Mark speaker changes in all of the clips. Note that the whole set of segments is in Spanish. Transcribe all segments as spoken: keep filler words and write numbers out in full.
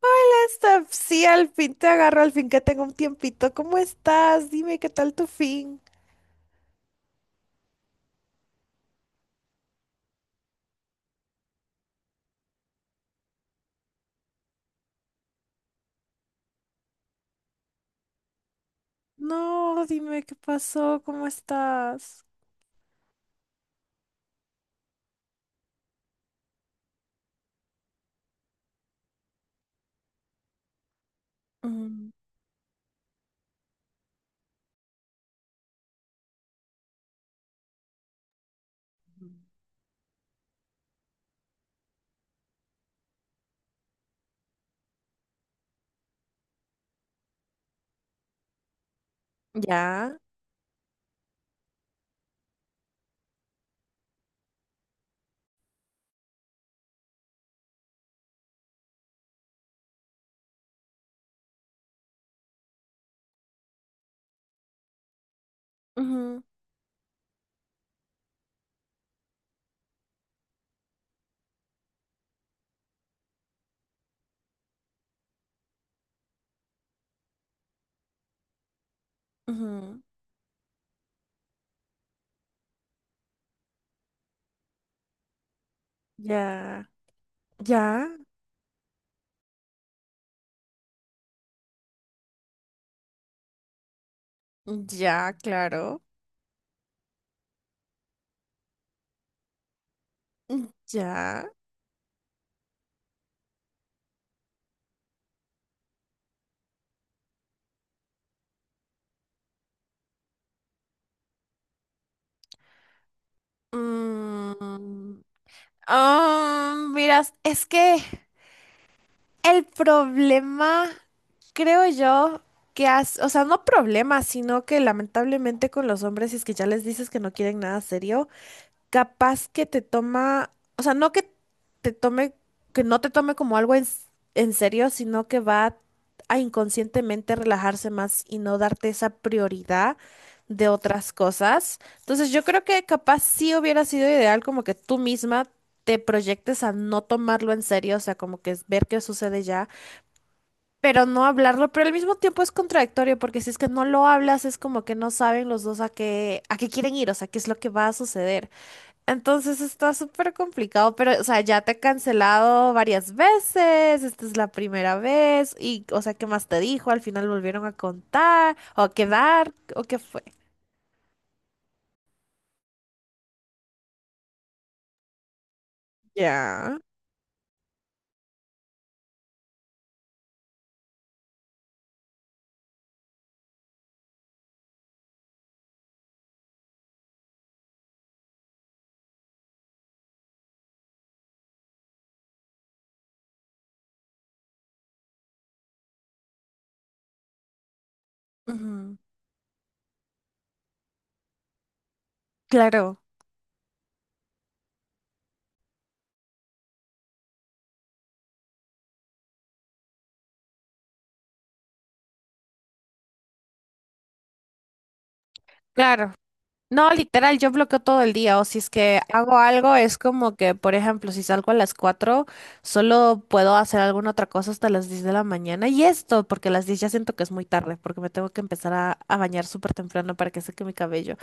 Speaker 1: Hola. Hasta, sí, al fin te agarro, al fin que tengo un tiempito. ¿Cómo estás? Dime, ¿qué tal tu fin? No, dime qué pasó, ¿cómo estás? Mm, ya, ujú, ujú, ya, ya, ya, claro, mm, ya. Mm. Ah, miras, es que el problema, creo yo, que has, o sea, no problema, sino que lamentablemente con los hombres, si es que ya les dices que no quieren nada serio, capaz que te toma, o sea, no que te tome, que no te tome como algo en, s- en serio, sino que va a inconscientemente relajarse más y no darte esa prioridad de otras cosas. Entonces, yo creo que capaz sí hubiera sido ideal como que tú misma te proyectes a no tomarlo en serio, o sea, como que es ver qué sucede ya, pero no hablarlo, pero al mismo tiempo es contradictorio, porque si es que no lo hablas, es como que no saben los dos a qué, a qué quieren ir, o sea, qué es lo que va a suceder. Entonces está súper complicado, pero, o sea, ya te he cancelado varias veces, esta es la primera vez, y, o sea, ¿qué más te dijo? Al final volvieron a contar, o a quedar, o qué fue. Ya. Ujú. Claro, claro. No, literal, yo bloqueo todo el día, o si es que hago algo, es como que, por ejemplo, si salgo a las cuatro, solo puedo hacer alguna otra cosa hasta las diez de la mañana, y esto, porque a las diez ya siento que es muy tarde, porque me tengo que empezar a, a bañar súper temprano para que seque mi cabello,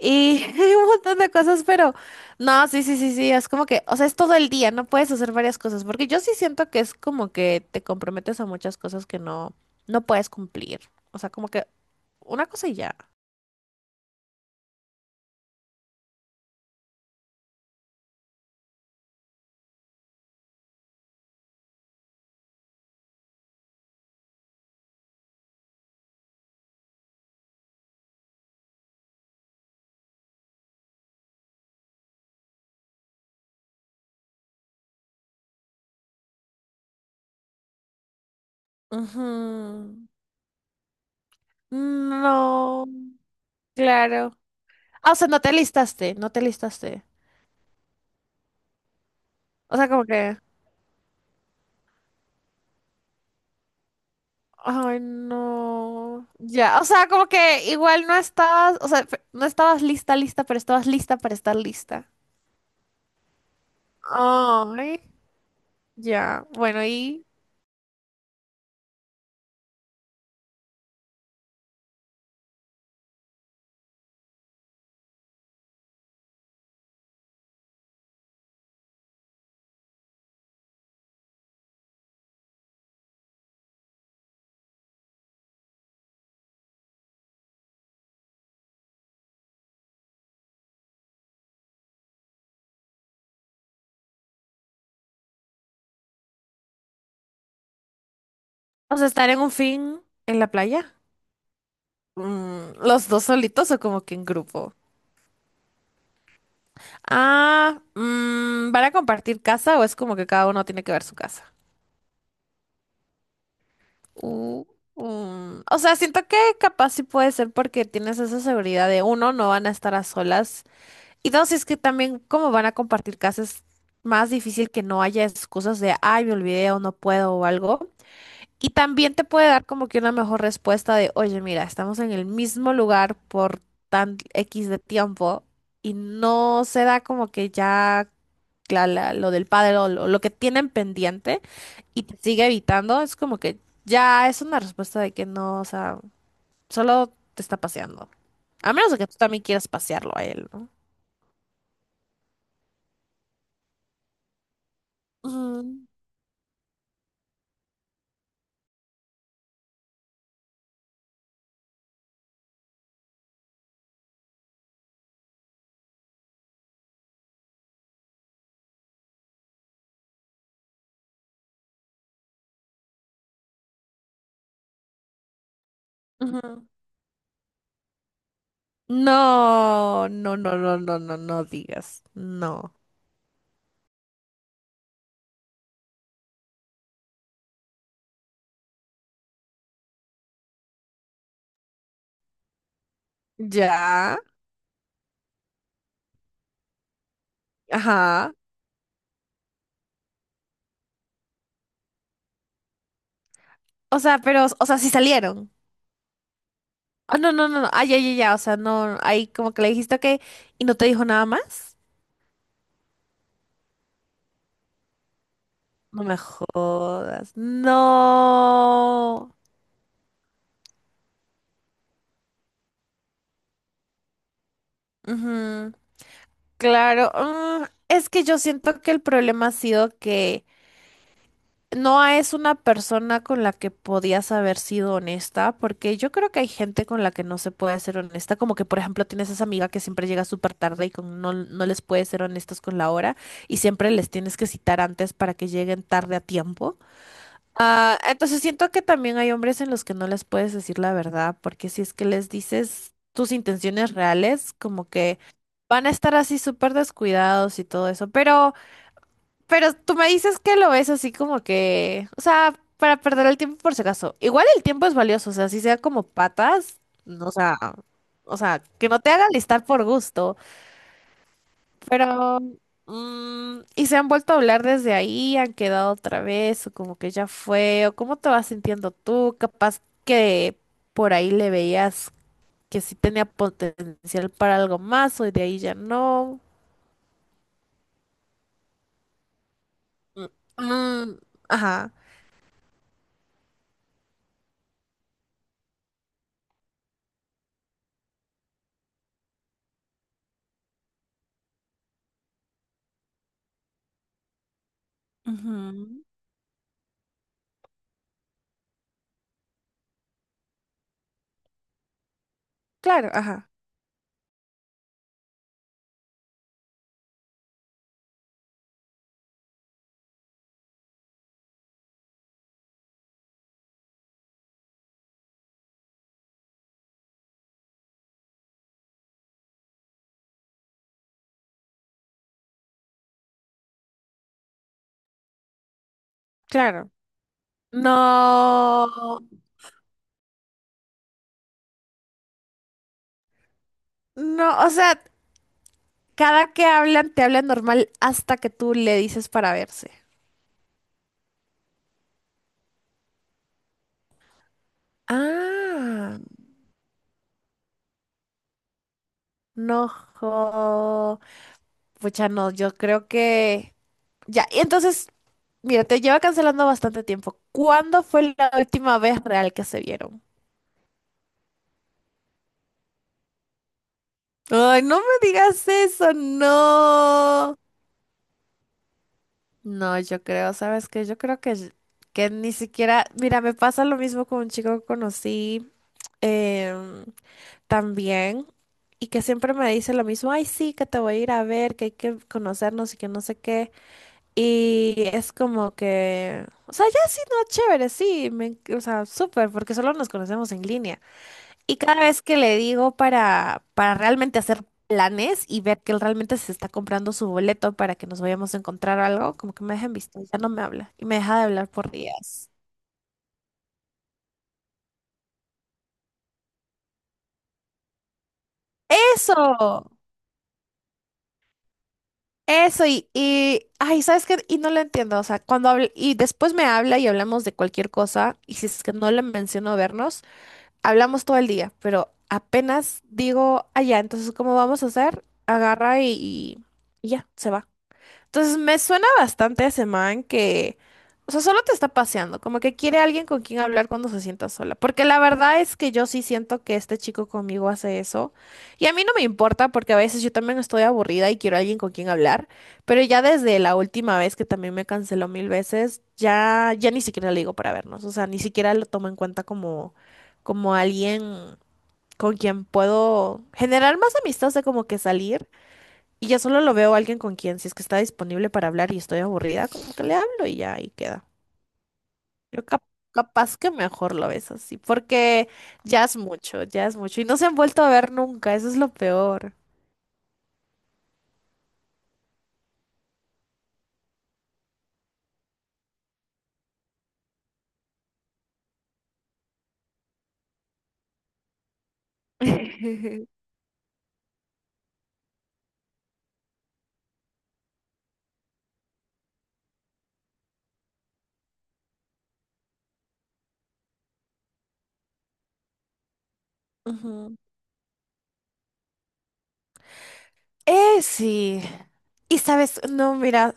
Speaker 1: y un montón de cosas, pero no, sí, sí, sí, sí, es como que, o sea, es todo el día, no puedes hacer varias cosas, porque yo sí siento que es como que te comprometes a muchas cosas que no, no puedes cumplir, o sea, como que una cosa y ya. Ujú. No, claro. Ah, o sea, no te listaste, no te listaste. O sea, como que, ay, no. Ya, o sea, como que igual no estabas, o sea, f- no estabas lista, lista, pero estabas lista para estar lista. Ay, ya. Bueno, y, o sea, estar en un fin en la playa. Mm, ¿los dos solitos o como que en grupo? Ah, mm, ¿van a compartir casa o es como que cada uno tiene que ver su casa? Uh, um, O sea, siento que capaz sí puede ser porque tienes esa seguridad de uno, no van a estar a solas. Y dos, es que también como van a compartir casas, es más difícil que no haya excusas de, ay, me olvidé o no puedo o algo. Y también te puede dar como que una mejor respuesta de, oye, mira, estamos en el mismo lugar por tan X de tiempo y no se da como que ya la- la- lo del padre o lo, lo que tienen pendiente y te sigue evitando, es como que ya es una respuesta de que no, o sea, solo te está paseando. A menos de que tú también quieras pasearlo a él, ¿no? Ujú, ujú. No, no, no, no, no, no, no digas, no. Ya, ajá. O sea, pero, o sea, sí salieron. Ah, no, no, no, no. Ah, ya, ya, ya. O sea, no, ahí como que le dijiste que y no te dijo nada más. No me jodas. No. Ujú, claro. Mm, es que yo siento que el problema ha sido que Noah es una persona con la que podías haber sido honesta, porque yo creo que hay gente con la que no se puede ser honesta, como que por ejemplo tienes esa amiga que siempre llega súper tarde y con, no, no les puedes ser honestos con la hora y siempre les tienes que citar antes para que lleguen tarde a tiempo. Ah, entonces siento que también hay hombres en los que no les puedes decir la verdad, porque si es que les dices tus intenciones reales, como que van a estar así súper descuidados y todo eso, pero... Pero tú me dices que lo ves así como que, o sea, para perder el tiempo por si acaso. Igual el tiempo es valioso, o sea, si sea como patas, no, o sea, o sea, que no te haga listar por gusto. Pero, mm, y se han vuelto a hablar desde ahí, han quedado otra vez, o como que ya fue, o cómo te vas sintiendo tú, capaz que por ahí le veías que sí tenía potencial para algo más, o de ahí ya no. Mm, mm, ajá, ujú. Claro, ajá. Claro. No, no, o sea, cada que hablan, te hablan normal hasta que tú le dices para verse. Ah, no, jo. Pucha, no, yo creo que... Ya, y entonces, mira, te lleva cancelando bastante tiempo. ¿Cuándo fue la última vez real que se vieron? Ay, no me digas eso, no. No, yo creo, ¿sabes qué? Yo creo que, que ni siquiera, mira, me pasa lo mismo con un chico que conocí em, también y que siempre me dice lo mismo, ay, sí, que te voy a ir a ver, que hay que conocernos y que no sé qué. Y es como que, o sea, ya sí, no, chévere, sí, me, enc- o sea, súper, porque solo nos conocemos en línea. Y cada vez que le digo para, para realmente hacer planes y ver que él realmente se está comprando su boleto para que nos vayamos a encontrar o algo, como que me deja en visto, ya no me habla y me deja de hablar por días. Eso, eso y, y ay, ¿sabes qué? Y no lo entiendo, o sea, cuando hablo, y después me habla y hablamos de cualquier cosa y si es que no le menciono vernos, hablamos todo el día, pero apenas digo, allá, entonces, ¿cómo vamos a hacer? Agarra y, y y ya, se va. Entonces me suena bastante a ese man que, o sea, solo te está paseando, como que quiere alguien con quien hablar cuando se sienta sola. Porque la verdad es que yo sí siento que este chico conmigo hace eso. Y a mí no me importa porque a veces yo también estoy aburrida y quiero alguien con quien hablar. Pero ya desde la última vez que también me canceló mil veces, ya, ya ni siquiera le digo para vernos. O sea, ni siquiera lo tomo en cuenta como, como alguien con quien puedo generar más amistad, de como que salir. Y ya solo lo veo a alguien con quien, si es que está disponible para hablar y estoy aburrida, como que le hablo y ya ahí queda. Yo cap- Capaz que mejor lo ves así, porque ya es mucho, ya es mucho. Y no se han vuelto a ver nunca, eso es lo peor. Ujú. Eh, sí. Y sabes, no, mira,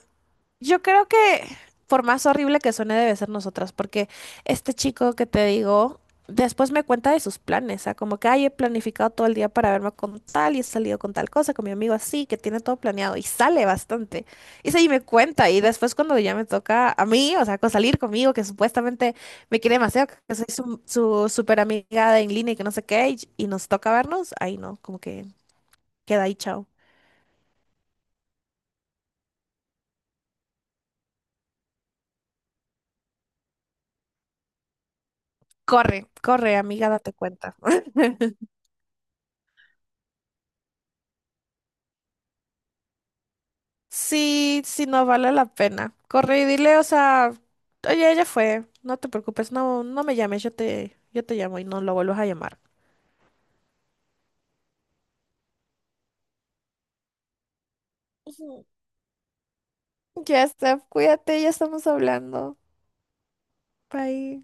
Speaker 1: yo creo que, por más horrible que suene, debe ser nosotras, porque este chico que te digo, después me cuenta de sus planes, o sea, como que, ay, he planificado todo el día para verme con tal y he salido con tal cosa, con mi amigo así, que tiene todo planeado y sale bastante. Y sí, me cuenta y después cuando ya me toca a mí, o sea, con salir conmigo, que supuestamente me quiere demasiado, que soy su, su super amiga de en línea y que no sé qué, y, y nos toca vernos, ahí no, como que queda ahí, chao. Corre, corre, amiga, date cuenta. Sí, sí, no vale la pena. Corre y dile, o sea, oye, ella fue, no te preocupes, no, no me llames, yo te, yo te llamo y no lo vuelvas a llamar. Ujú. Ya, Steph, cuídate, ya estamos hablando. Bye.